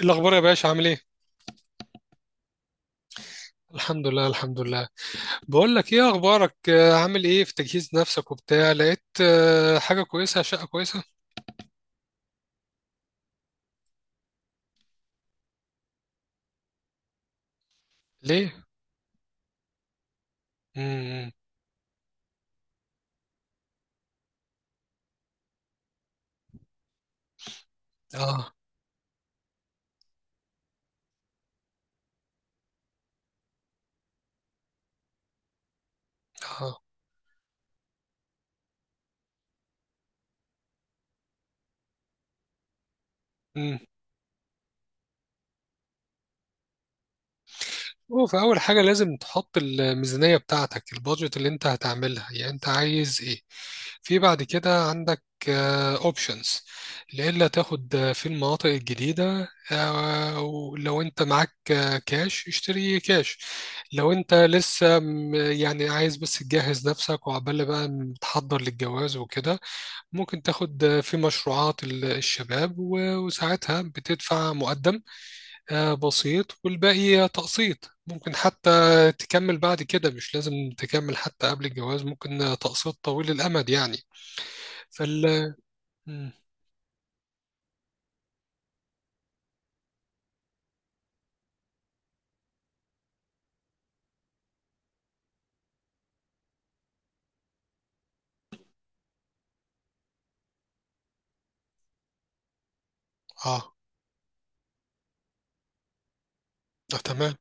الأخبار يا باشا عامل إيه؟ الحمد لله، الحمد لله. بقول لك إيه أخبارك، عامل إيه في تجهيز نفسك وبتاع؟ لقيت حاجة كويسة، شقة كويسة؟ ليه؟ امم. آه، آه. هو في أول حاجة لازم تحط الميزانية بتاعتك، البادجت اللي أنت هتعملها، يعني أنت عايز إيه. في بعد كده عندك أوبشنز لإلا تاخد في المناطق الجديدة. ولو أنت معاك كاش، اشتري كاش. لو أنت لسه يعني عايز بس تجهز نفسك وعبال بقى تحضر للجواز وكده، ممكن تاخد في مشروعات الشباب، وساعتها بتدفع مقدم بسيط والباقي تقسيط. ممكن حتى تكمل بعد كده، مش لازم تكمل حتى قبل الجواز. ممكن تقسيط طويل الأمد يعني. فال مم. اه. تمام.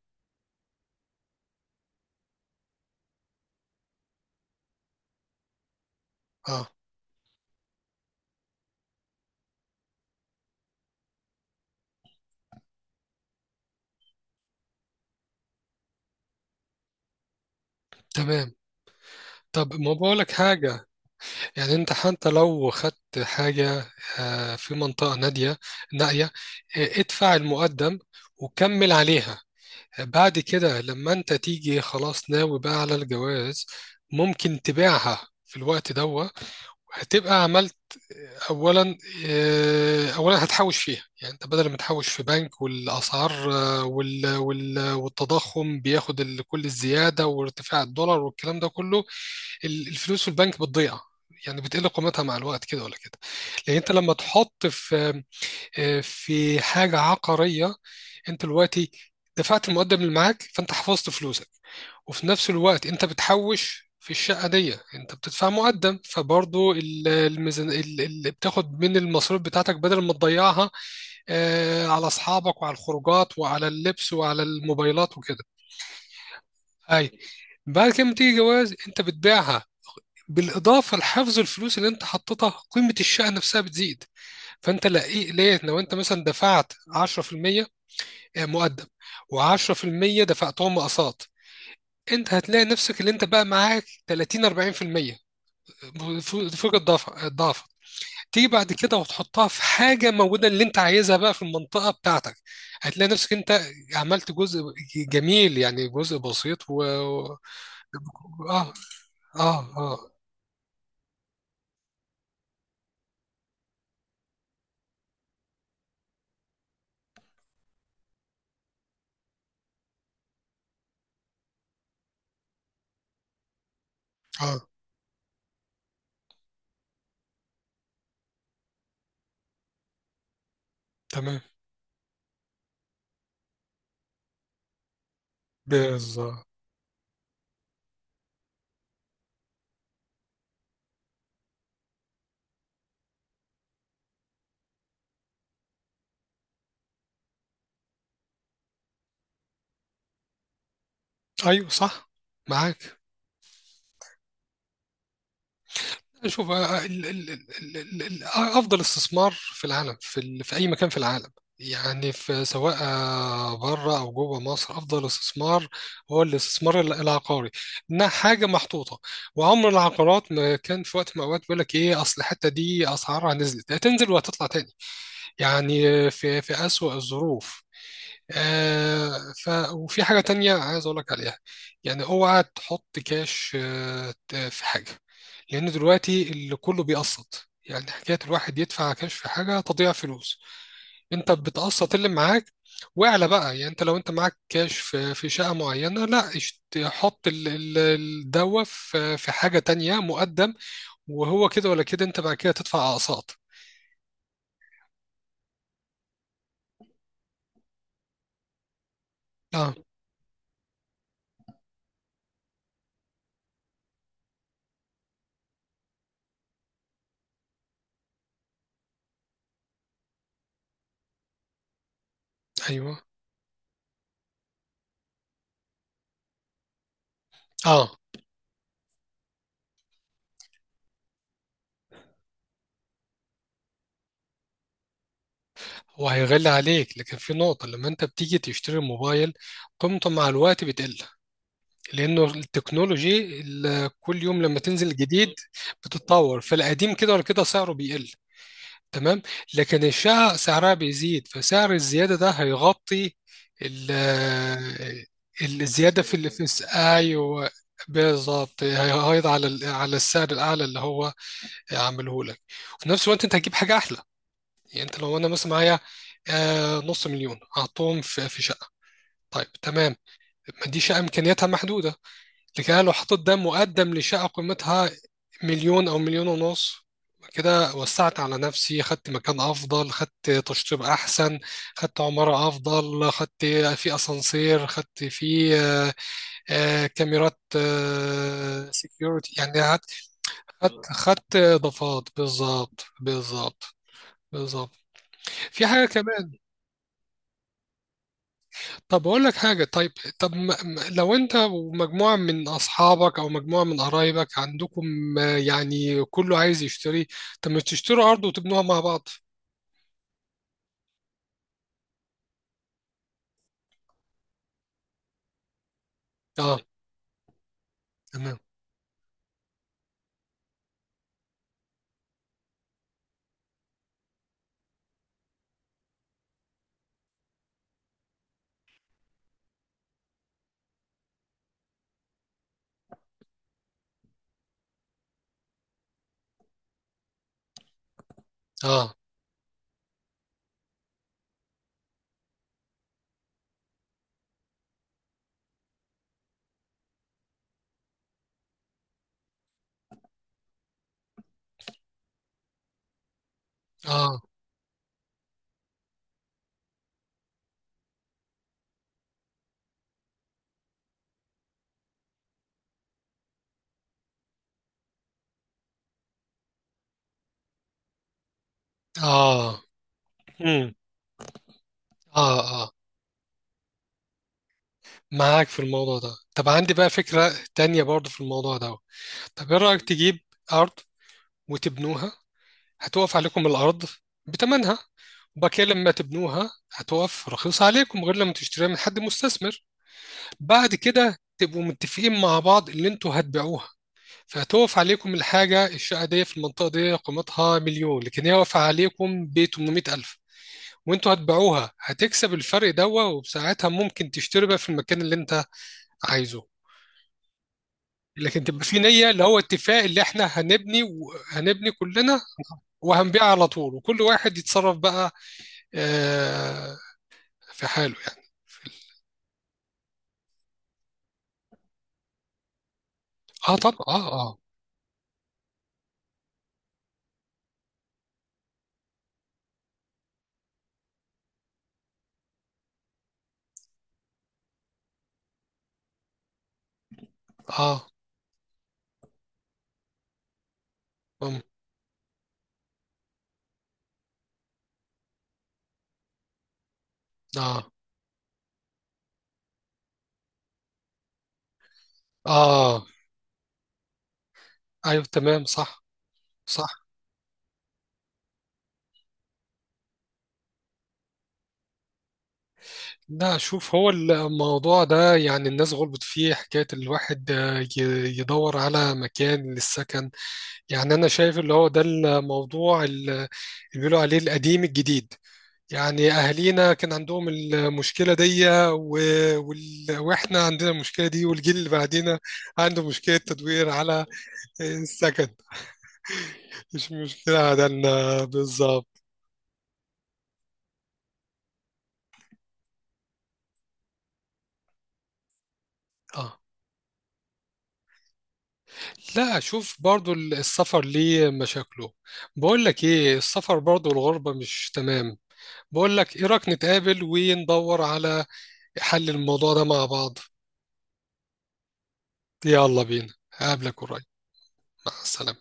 اه، تمام. طب ما بقولك حاجة. يعني انت حتى لو خدت حاجة في منطقة نائية، ادفع المقدم وكمل عليها. بعد كده لما انت تيجي خلاص ناوي بقى على الجواز، ممكن تبيعها في الوقت ده. هتبقى عملت اولا، اولا هتحوش فيها. يعني انت بدل ما تحوش في بنك والاسعار والتضخم بياخد كل الزياده وارتفاع الدولار والكلام ده كله، الفلوس في البنك بتضيع، يعني بتقل قيمتها مع الوقت، كده ولا كده. لان انت لما تحط في في حاجة عقارية، انت دلوقتي دفعت المقدم اللي معاك، فانت حفظت فلوسك. وفي نفس الوقت انت بتحوش في الشقة دي، انت بتدفع مقدم فبرضو الميزان اللي بتاخد من المصروف بتاعتك بدل ما تضيعها على اصحابك وعلى الخروجات وعلى اللبس وعلى الموبايلات وكده. اي. بعد كده لما تيجي جواز، انت بتبيعها. بالاضافه لحفظ الفلوس اللي انت حطيتها، قيمه الشقه نفسها بتزيد. فانت لقيت ليه؟ لو انت مثلا دفعت 10% مقدم و10% دفعتهم مقاصات، انت هتلاقي نفسك اللي انت بقى معاك 30 40%، فوق الضعف، الضعف. تيجي بعد كده وتحطها في حاجه موجوده اللي انت عايزها بقى في المنطقه بتاعتك، هتلاقي نفسك انت عملت جزء جميل، يعني جزء بسيط اه، اه، اه، اه. تمام. بالظبط. ايوه، صح. معاك. شوف، افضل استثمار في العالم، في في اي مكان في العالم، يعني في سواء بره او جوه مصر، افضل استثمار هو الاستثمار العقاري. انها حاجه محطوطه، وعمر العقارات ما كان في وقت من الاوقات بيقول لك ايه، اصل الحته دي اسعارها نزلت، هتنزل وهتطلع تاني يعني، في في اسوأ الظروف. آه. ف وفي حاجه تانية عايز اقول لك عليها. يعني اوعى تحط كاش في حاجه، لأن دلوقتي اللي كله بيقسط. يعني حكاية الواحد يدفع كاش في حاجة تضيع فلوس. أنت بتقسط اللي معاك واعلى بقى. يعني أنت لو أنت معاك كاش في في شقة معينة، لا حط الدوا في في حاجة تانية مقدم، وهو كده ولا كده أنت بعد كده تدفع أقساط. أه. أيوه. أه، هو هيغلي عليك، لكن في نقطة. لما أنت بتيجي تشتري موبايل، قيمته مع الوقت بتقل، لانه التكنولوجي كل يوم لما تنزل جديد بتتطور، فالقديم كده ولا كده سعره بيقل. تمام. لكن الشقق سعرها بيزيد، فسعر الزياده ده هيغطي ال الزياده في ايوه، بالظبط، هيغيض على على السعر الاعلى اللي هو عامله لك. وفي نفس الوقت انت هتجيب حاجه احلى. يعني انت، لو انا مثلا معايا نص مليون، هحطهم في في شقه، طيب تمام، ما دي شقه امكانياتها محدوده. لكده لو حطيت ده مقدم لشقة قيمتها مليون أو مليون ونص، كده وسعت على نفسي، خدت مكان أفضل، خدت تشطيب أحسن، خدت عمارة أفضل، خدت في أسانسير، خدت في كاميرات سيكيورتي، يعني خدت، خدت، إضافات. بالظبط، بالظبط، بالظبط. في حاجة كمان. طب أقول لك حاجة. طيب، طب لو أنت ومجموعة من أصحابك أو مجموعة من قرايبك عندكم يعني كله عايز يشتري، طب ما تشتروا أرض وتبنوها مع بعض. أه، تمام. أه، أه، أه. مم. أه، أه، معاك في الموضوع ده. طب عندي بقى فكرة تانية برضه في الموضوع ده. طب إيه رأيك تجيب أرض وتبنوها؟ هتقف عليكم الأرض بتمنها، وبعد كده لما تبنوها هتقف رخيصة عليكم، غير لما تشتريها من حد مستثمر. بعد كده تبقوا متفقين مع بعض اللي انتوا هتبيعوها، فهتقف عليكم الحاجة، الشقة دي في المنطقة دي قيمتها مليون لكن هي واقفة عليكم ب 800 ألف، وانتوا هتبيعوها هتكسب الفرق دوا، وبساعتها ممكن تشتري بقى في المكان اللي انت عايزه. لكن تبقى في نية، اللي هو اتفاق، اللي احنا هنبني، وهنبني كلنا وهنبيع على طول، وكل واحد يتصرف بقى آه في حاله يعني. اه، طبعا، اه، اه، اه. أم، اه، اه. ايوه، تمام، صح، صح. لا شوف، هو الموضوع ده يعني الناس غلطت فيه، حكاية الواحد يدور على مكان للسكن. يعني أنا شايف اللي هو ده الموضوع اللي بيقولوا عليه القديم الجديد، يعني أهالينا كان عندهم المشكلة دي وإحنا عندنا المشكلة دي، والجيل اللي بعدينا عنده مشكلة تدوير على السكن، مش مشكلة عندنا بالظبط. آه. لا شوف، برضو السفر ليه مشاكله. بقول لك ايه، السفر برضو الغربة مش تمام. بقول لك ايه رأيك نتقابل وندور على حل الموضوع ده مع بعض؟ يلا بينا، هقابلك قريب. مع السلامة.